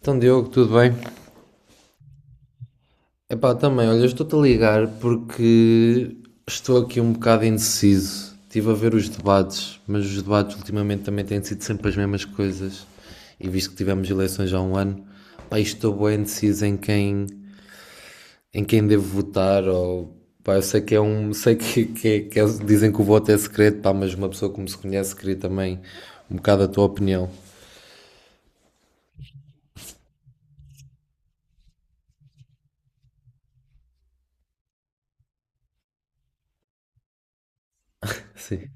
Então, Diogo, tudo bem? Epá, também, olha, eu estou-te a ligar porque estou aqui um bocado indeciso. Estive a ver os debates, mas os debates ultimamente também têm sido sempre as mesmas coisas. E visto que tivemos eleições há um ano, pá, estou bem indeciso em quem devo votar ou... Pá, eu sei que é um... Sei que dizem que o voto é secreto, pá, mas uma pessoa que me se conhece queria também um bocado a tua opinião. Sim.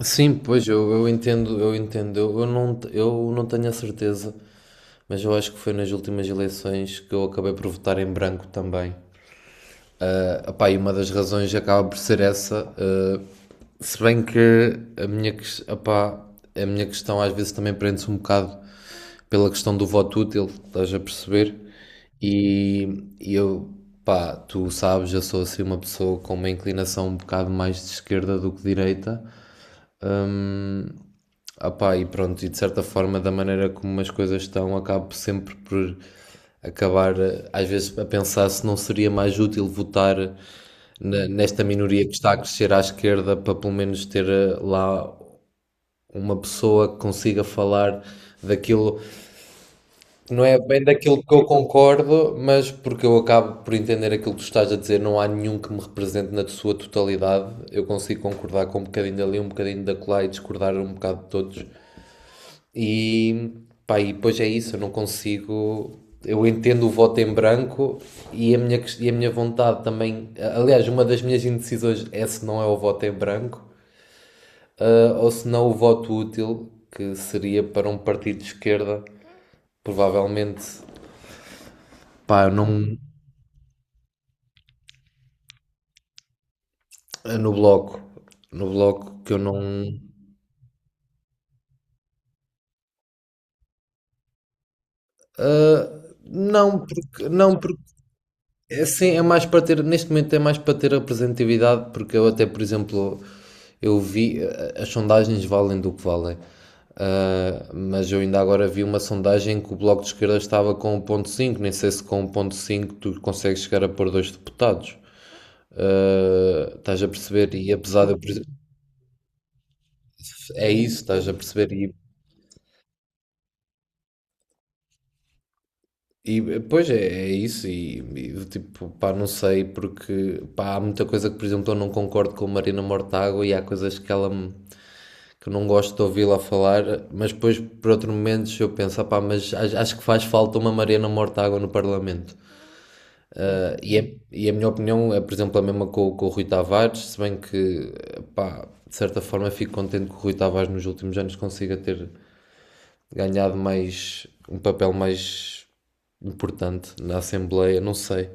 Sim, pois eu entendo, eu entendo. Eu não tenho a certeza, mas eu acho que foi nas últimas eleições que eu acabei por votar em branco também. Ah, pá, e uma das razões acaba por ser essa, se bem que a minha, opá, a minha questão às vezes também prende-se um bocado pela questão do voto útil, estás a perceber? E, e eu, pá, tu sabes, eu sou assim uma pessoa com uma inclinação um bocado mais de esquerda do que direita. Ah pá, e pronto, e de certa forma, da maneira como as coisas estão, acabo sempre por acabar, às vezes, a pensar se não seria mais útil votar nesta minoria que está a crescer à esquerda para pelo menos ter lá uma pessoa que consiga falar daquilo, não é bem daquilo que eu concordo, mas porque eu acabo por entender aquilo que tu estás a dizer, não há nenhum que me represente na sua totalidade. Eu consigo concordar com um bocadinho dali, um bocadinho dacolá e discordar um bocado de todos. E, pá, e depois é isso, eu não consigo. Eu entendo o voto em branco e a minha, e a minha vontade também. Aliás, uma das minhas indecisões é se não é o voto em branco, ou se não o voto útil, que seria para um partido de esquerda, provavelmente, pá, eu não, no bloco. No bloco que eu não. Não, porque, não, é. Sim, é mais para ter, neste momento é mais para ter representatividade, porque eu até, por exemplo, eu vi, as sondagens valem do que valem. Ah, mas eu ainda agora vi uma sondagem que o Bloco de Esquerda estava com 1,5, nem sei se com 1,5 tu consegues chegar a pôr dois deputados. Ah, estás a perceber? E apesar de, eu, por exemplo, é isso, estás a perceber? E pois é, é isso, tipo, pá, não sei, porque pá, há muita coisa que, por exemplo, eu não concordo com a Marina Mortágua e há coisas que ela me que eu não gosto de ouvi-la falar, mas depois, por outros momentos, eu penso, pá, mas acho que faz falta uma Mariana Mortágua no Parlamento. Ah, e a minha opinião é, por exemplo, a mesma com o Rui Tavares, se bem que, pá, de certa forma fico contente que o Rui Tavares nos últimos anos consiga ter ganhado mais, um papel mais importante na Assembleia, não sei.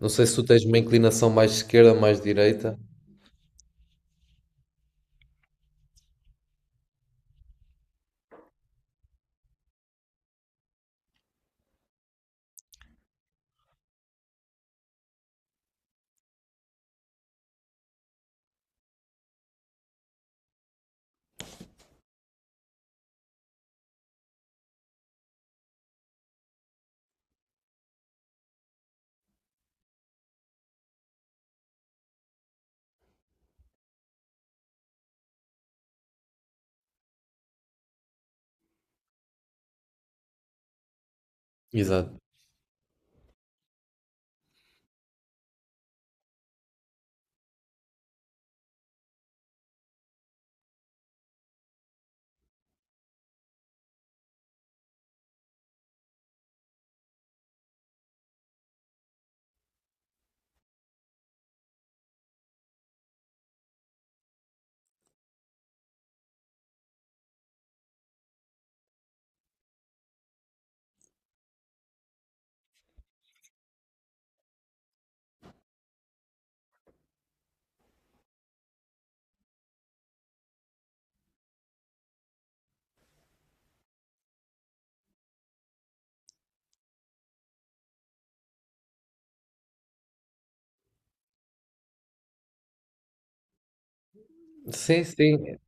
Não sei se tu tens uma inclinação mais esquerda, mais direita. Exato. Sim, sim.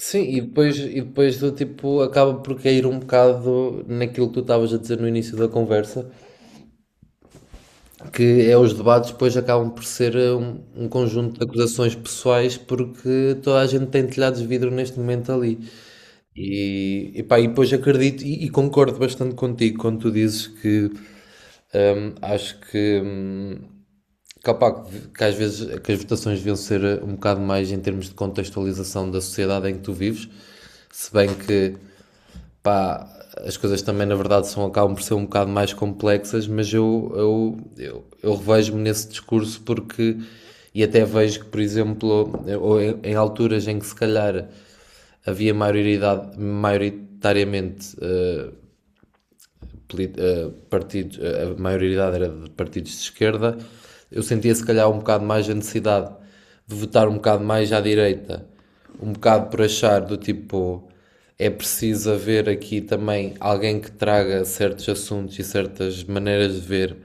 Sim, e depois do tipo acaba por cair um bocado naquilo que tu estavas a dizer no início da conversa, que é os debates depois acabam por ser um conjunto de acusações pessoais porque toda a gente tem telhados de vidro neste momento ali. E pá, e depois acredito e concordo bastante contigo quando tu dizes que acho que, opá, que às vezes que as votações deviam ser um bocado mais em termos de contextualização da sociedade em que tu vives, se bem que pá, as coisas também na verdade são, acabam por ser um bocado mais complexas, mas eu revejo-me nesse discurso porque, e até vejo que, por exemplo, ou em alturas em que se calhar havia maioridade, maioritariamente partidos, a maioridade era de partidos de esquerda, eu sentia se calhar um bocado mais a necessidade de votar um bocado mais à direita, um bocado por achar do tipo é preciso haver aqui também alguém que traga certos assuntos e certas maneiras de ver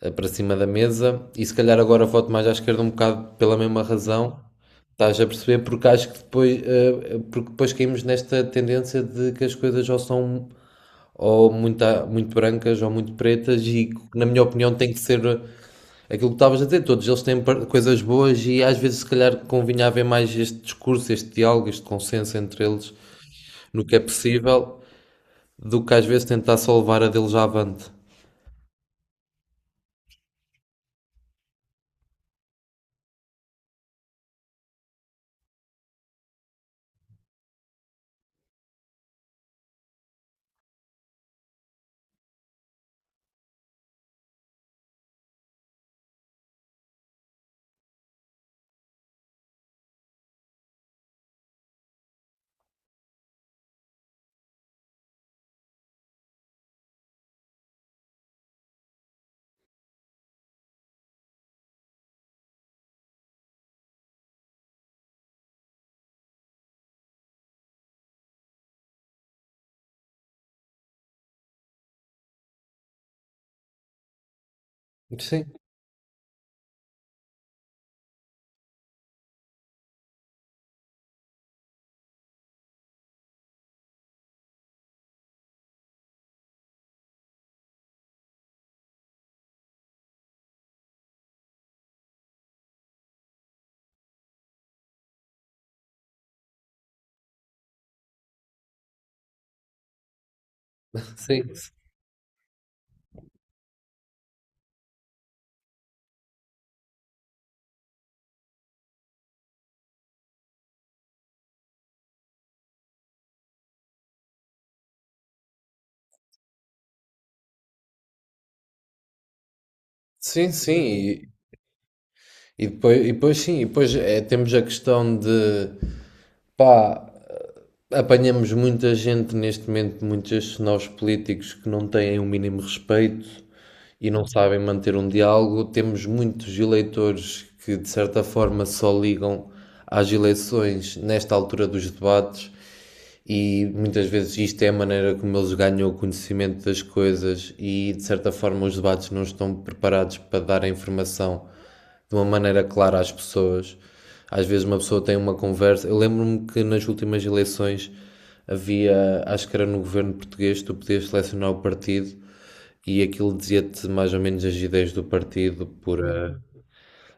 para cima da mesa, e se calhar agora voto mais à esquerda um bocado pela mesma razão. Estás a perceber? Porque acho que depois, porque depois caímos nesta tendência de que as coisas ou são ou muito, muito brancas ou muito pretas, e na minha opinião tem que ser aquilo que estavas a dizer, todos eles têm coisas boas e às vezes se calhar convinha haver mais este discurso, este diálogo, este consenso entre eles no que é possível, do que às vezes tentar só levar a deles à avante. Sim, sim, sim, sim. E depois sim, e depois temos a questão de, pá, apanhamos muita gente neste momento, muitos nós políticos que não têm o mínimo respeito e não sabem manter um diálogo. Temos muitos eleitores que, de certa forma, só ligam às eleições nesta altura dos debates e muitas vezes isto é a maneira como eles ganham o conhecimento das coisas e de certa forma os debates não estão preparados para dar a informação de uma maneira clara às pessoas. Às vezes uma pessoa tem uma conversa. Eu lembro-me que nas últimas eleições havia, acho que era no governo português, tu podias selecionar o partido e aquilo dizia-te mais ou menos as ideias do partido por,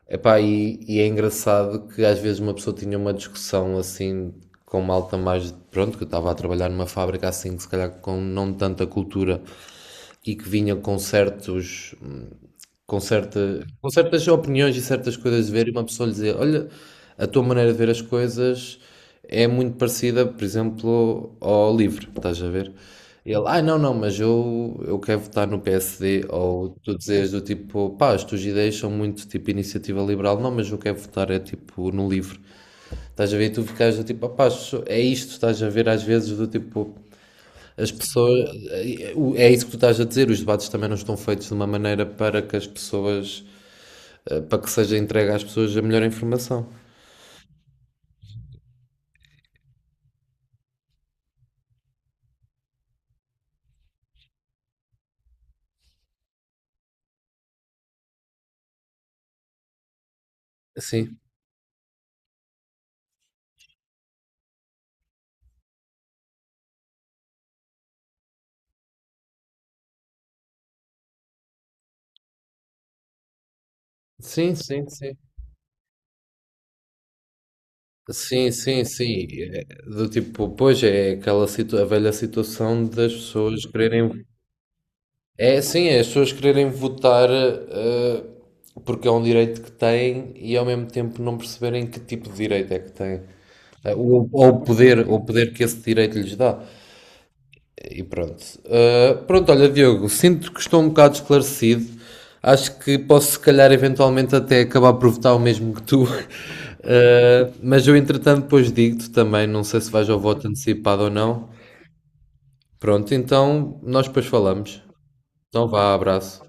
epá, e é engraçado que às vezes uma pessoa tinha uma discussão assim com malta mais. Pronto, que eu estava a trabalhar numa fábrica assim, que se calhar com não tanta cultura e que vinha com certos, com certas opiniões e certas coisas de ver, e uma pessoa lhe dizia: Olha, a tua maneira de ver as coisas é muito parecida, por exemplo, ao livro, estás a ver? E ele, não, não, mas eu quero votar no PSD. Ou tu dizes do tipo, pá, as tuas ideias são muito tipo iniciativa liberal, não, mas eu quero votar é tipo no livro. Estás a ver? E tu ficas do tipo, ah pá, é isto, estás a ver às vezes do tipo, as pessoas, é isso que tu estás a dizer, os debates também não estão feitos de uma maneira para que as pessoas, para que seja entregue às pessoas a melhor informação. Sim, sim, sim, sim. Sim, sim, sim. É. Do tipo, pois é aquela situ a velha situação das pessoas quererem. É, sim, é as pessoas quererem votar porque é um direito que têm e ao mesmo tempo não perceberem que tipo de direito é que têm. Ou o poder que esse direito lhes dá. E pronto. Ah, pronto, olha, Diogo, sinto que estou um bocado esclarecido. Acho que posso, se calhar, eventualmente até acabar por votar o mesmo que tu. Ah, mas eu, entretanto, depois digo-te também. Não sei se vais ao voto antecipado ou não. Pronto, então nós depois falamos. Então vá, abraço.